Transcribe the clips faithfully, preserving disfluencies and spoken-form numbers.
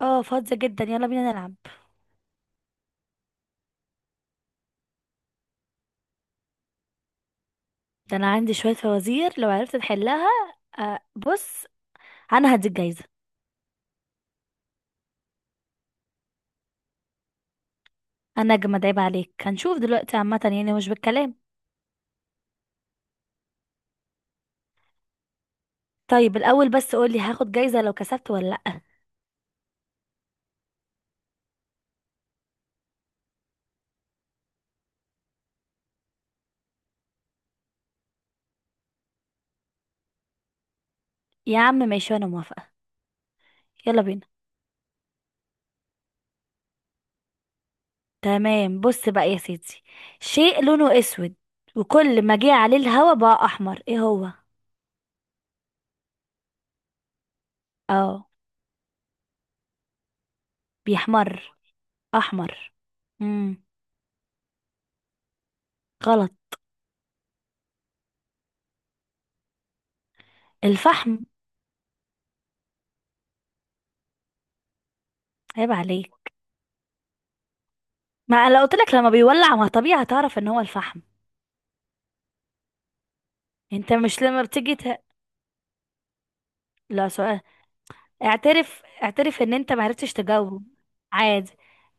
اه، فاضية جدا، يلا بينا نلعب. ده انا عندي شوية فوازير لو عرفت تحلها. آه، بص. انا هديك جايزة. انا اجمد، عيب عليك، هنشوف دلوقتي، عامة يعني مش بالكلام. طيب الاول بس قولي، هاخد جايزة لو كسبت ولا لأ؟ يا عم ماشي، انا موافقة. يلا بينا. تمام، بص بقى يا سيدي. شيء لونه اسود، وكل ما جه عليه الهوا بقى احمر، ايه هو؟ اه. بيحمر. احمر. امم غلط. الفحم. عيب عليك. ما أنا لو قلت لك لما بيولع، ما طبيعي هتعرف ان هو الفحم. انت مش لما بتيجي ت... لا، سؤال، اعترف اعترف ان انت معرفتش تجاوب. عادي.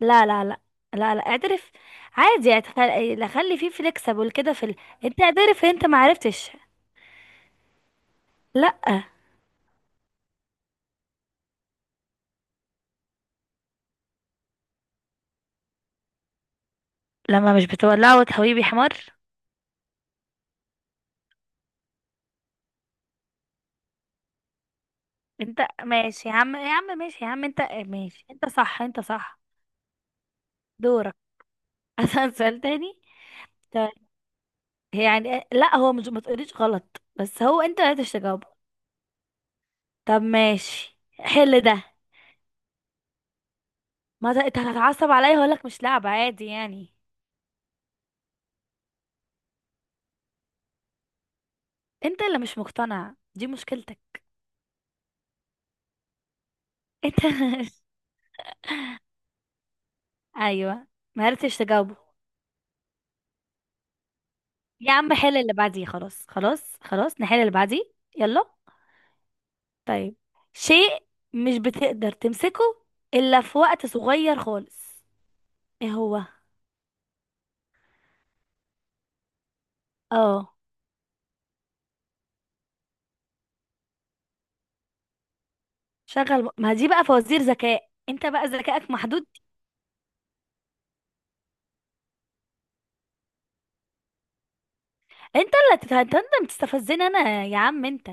لا، لا، لا. لا، لا، اعترف. عادي، اعتخل... لا، خلي فيه فليكسبل كده في ال... انت اعترف ان انت معرفتش. لا. لما مش بتولعه وتهويه بيحمر. انت. ماشي يا عم، يا عم ماشي، يا عم، انت ماشي، انت صح، انت صح. دورك. اسأل سؤال تاني. طيب. يعني، لا هو مش، ما تقوليش غلط، بس هو انت ما عرفتش تجاوبه. طب ماشي، حل ده. ما ده انت هتتعصب عليا، هقول لك مش لعبة، عادي يعني. انت اللي مش مقتنع، دي مشكلتك. انت. ايوه. ما عرفتش تجاوبه. يا عم، حل اللي بعديه، خلاص خلاص خلاص، نحل اللي بعديه. يلا. طيب. شيء مش بتقدر تمسكه الا في وقت صغير خالص، ايه هو؟ اه. شغل، ما دي بقى فوازير ذكاء، انت بقى ذكائك محدود. انت اللي تت- انت اللي بتستفزني انا يا عم انت.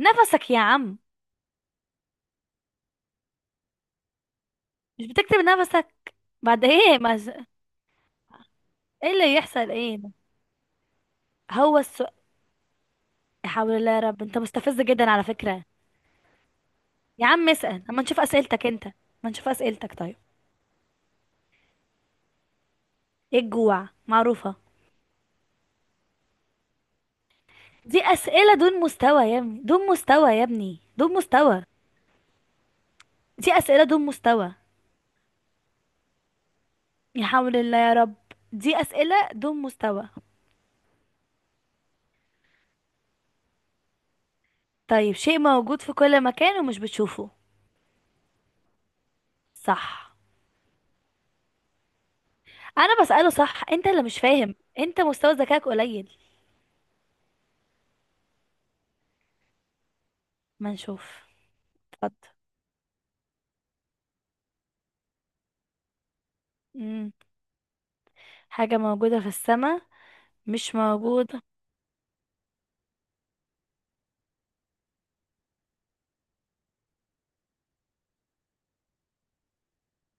نفسك يا عم. مش بتكتب نفسك. بعد ايه ما. ايه اللي يحصل؟ ايه ده؟ هو السؤال. لا حول الله يا رب، انت مستفز جدا على فكرة. يا عم اسأل، اما نشوف اسئلتك انت. ما نشوف اسئلتك، طيب. ايه الجوع، معروفة. دي اسئلة دون مستوى يا ابني، دون مستوى يا ابني، دون مستوى. دي اسئلة دون مستوى. يا حول الله يا رب. دي اسئلة دون مستوى. طيب، شيء موجود في كل مكان ومش بتشوفه. صح. انا بسأله صح، انت اللي مش فاهم، انت مستوى ذكائك قليل. ما نشوف. اتفضل. امم حاجة موجودة في السماء، مش موجودة.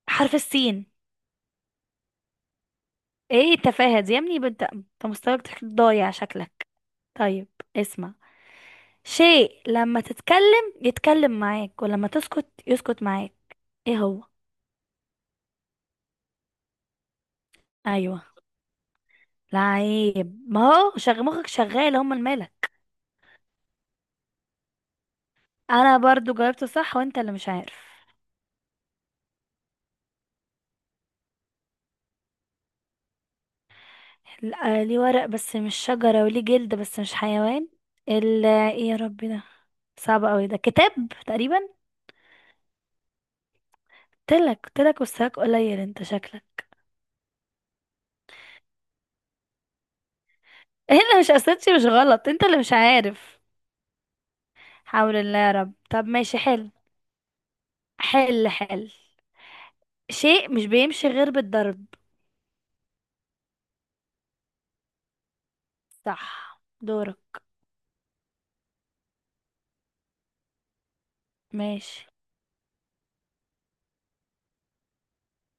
حرف السين. ايه التفاهة دي يا ابني، بنت انت، مستواك ضايع شكلك. طيب. اسمع. شيء لما تتكلم يتكلم معاك، ولما تسكت يسكت معاك، ايه هو؟ ايوه. لعيب، ما هو شغ مخك شغال، هما الملك. انا برضو جاوبت صح، وانت اللي مش عارف. لا، ليه ورق بس مش شجرة، وليه جلد بس مش حيوان. ال ايه يا ربي ده؟ صعب قوي، ده كتاب. تقريبا. قلتلك، قلتلك مستواك قليل انت شكلك. هنا مش اساسي، مش غلط، انت اللي مش عارف. حول الله يا رب، طب ماشي، حل. حل حل. شيء مش بيمشي غير بالضرب. صح، دورك. ماشي.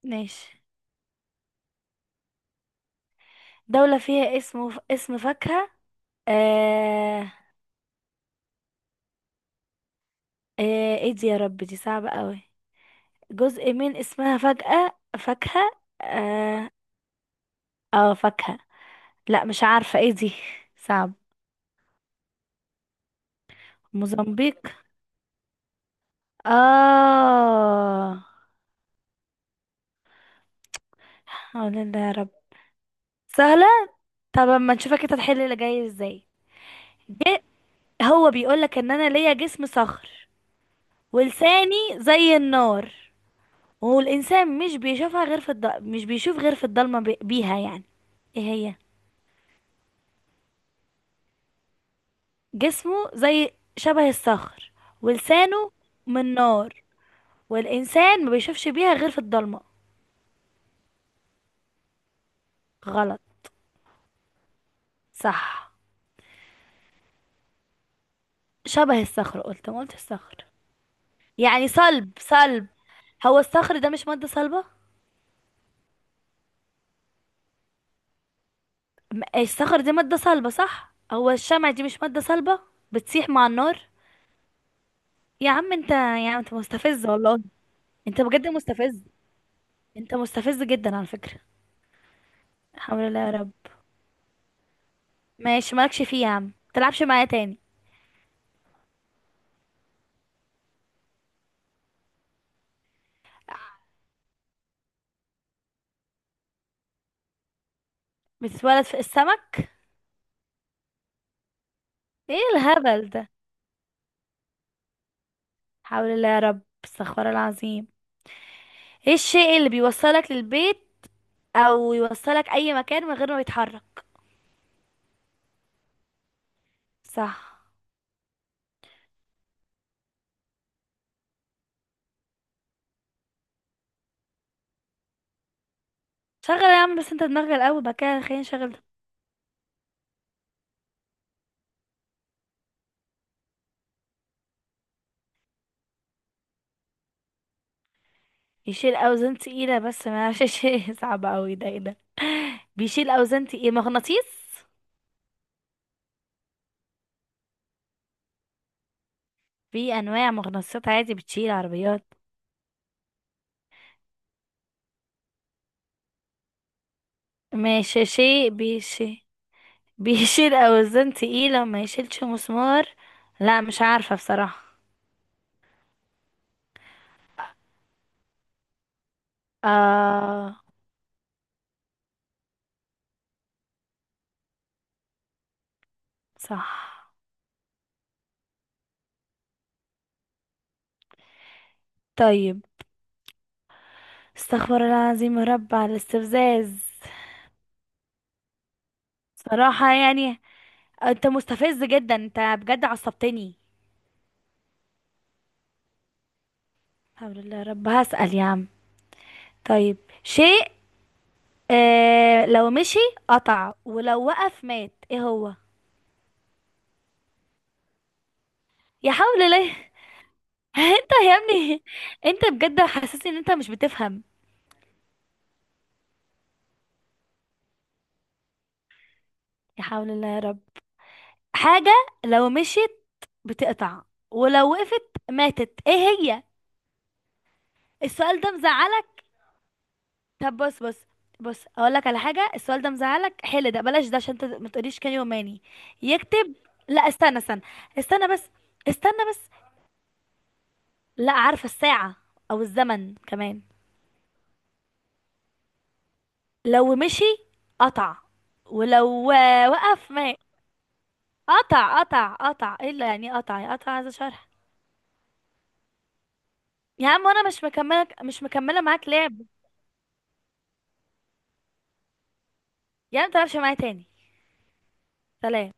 ماشي. دولة فيها اسم ف... اسم فاكهة. آه... آه... ايه دي يا رب، دي صعبة قوي. جزء من اسمها فجأة فاكهة. اه. آه، فاكهة. لا، مش عارفة ايه دي. صعب. موزمبيق. اه. حول الله يا رب. سهلة. طب اما نشوفك انت تحل اللي جاي ازاي؟ جه. هو بيقولك ان انا ليا جسم صخر. ولساني زي النار. والانسان مش بيشوفها غير في الض... مش بيشوف غير في الضلمه بي... بيها يعني. ايه هي؟ جسمه زي شبه الصخر، ولسانه من نار، والانسان ما بيشوفش بيها غير في الضلمه. غلط. صح. شبه الصخر، قلت ما قلت الصخر. يعني صلب صلب. هو الصخر ده مش ماده صلبه؟ م- الصخر دي مادة صلبة صح، هو الشمع دي مش مادة صلبة؟ بتسيح مع النار. يا عم انت، يا عم انت مستفز والله. انت بجد مستفز. انت مستفز جدا على فكرة. الحمد لله يا رب. ماشي، مالكش فيه يا عم، متلعبش معايا تاني. بتتولد في السمك. ايه الهبل ده؟ حول الله يا رب، استغفر الله العظيم. ايه الشيء اللي بيوصلك للبيت، او يوصلك اي مكان من غير ما يتحرك؟ صح. شغل يا عم، بس انت دماغك الاول بقى كده، خلينا نشغل. يشيل اوزان تقيله بس ما يعرفش يشيل صعب قوي ده، ايه ده؟ بيشيل اوزان تقيله، مغناطيس. في انواع مغناطيسات عادي بتشيل عربيات. ماشي، شيء بيشي بيشيل اوزان تقيله وما يشيلش مسمار. لا، مش عارفه بصراحه. اه. صح. طيب. استغفر الله العظيم يا رب على الاستفزاز. صراحه يعني. انت مستفز جدا، انت بجد عصبتني. الحمد لله يا رب، هسأل يا عم. طيب. شيء، آه لو مشي قطع، ولو وقف مات، ايه هو؟ يا حول الله انت يا ابني. انت بجد حاسسني ان انت مش بتفهم. يا حول الله يا رب. حاجة، لو مشيت بتقطع، ولو وقفت ماتت، ايه هي؟ السؤال ده مزعلك؟ طب بص بص. بص اقول لك على حاجة، السؤال ده مزعلك، حل ده بلاش ده، عشان انت ما تقوليش كان يوماني. يكتب. لا، استنى استنى. استنى بس. استنى بس. لا، عارفة الساعة. او الزمن كمان. لو مشي قطع، ولو آه، وقف مات. قطع، قطع، قطع، ايه اللي يعني قطع، يعني قطع هذا شرح. يا عم، وانا مش مكمله مش مكمله معاك لعب. يعني ما تلعبش معايا تاني. سلام.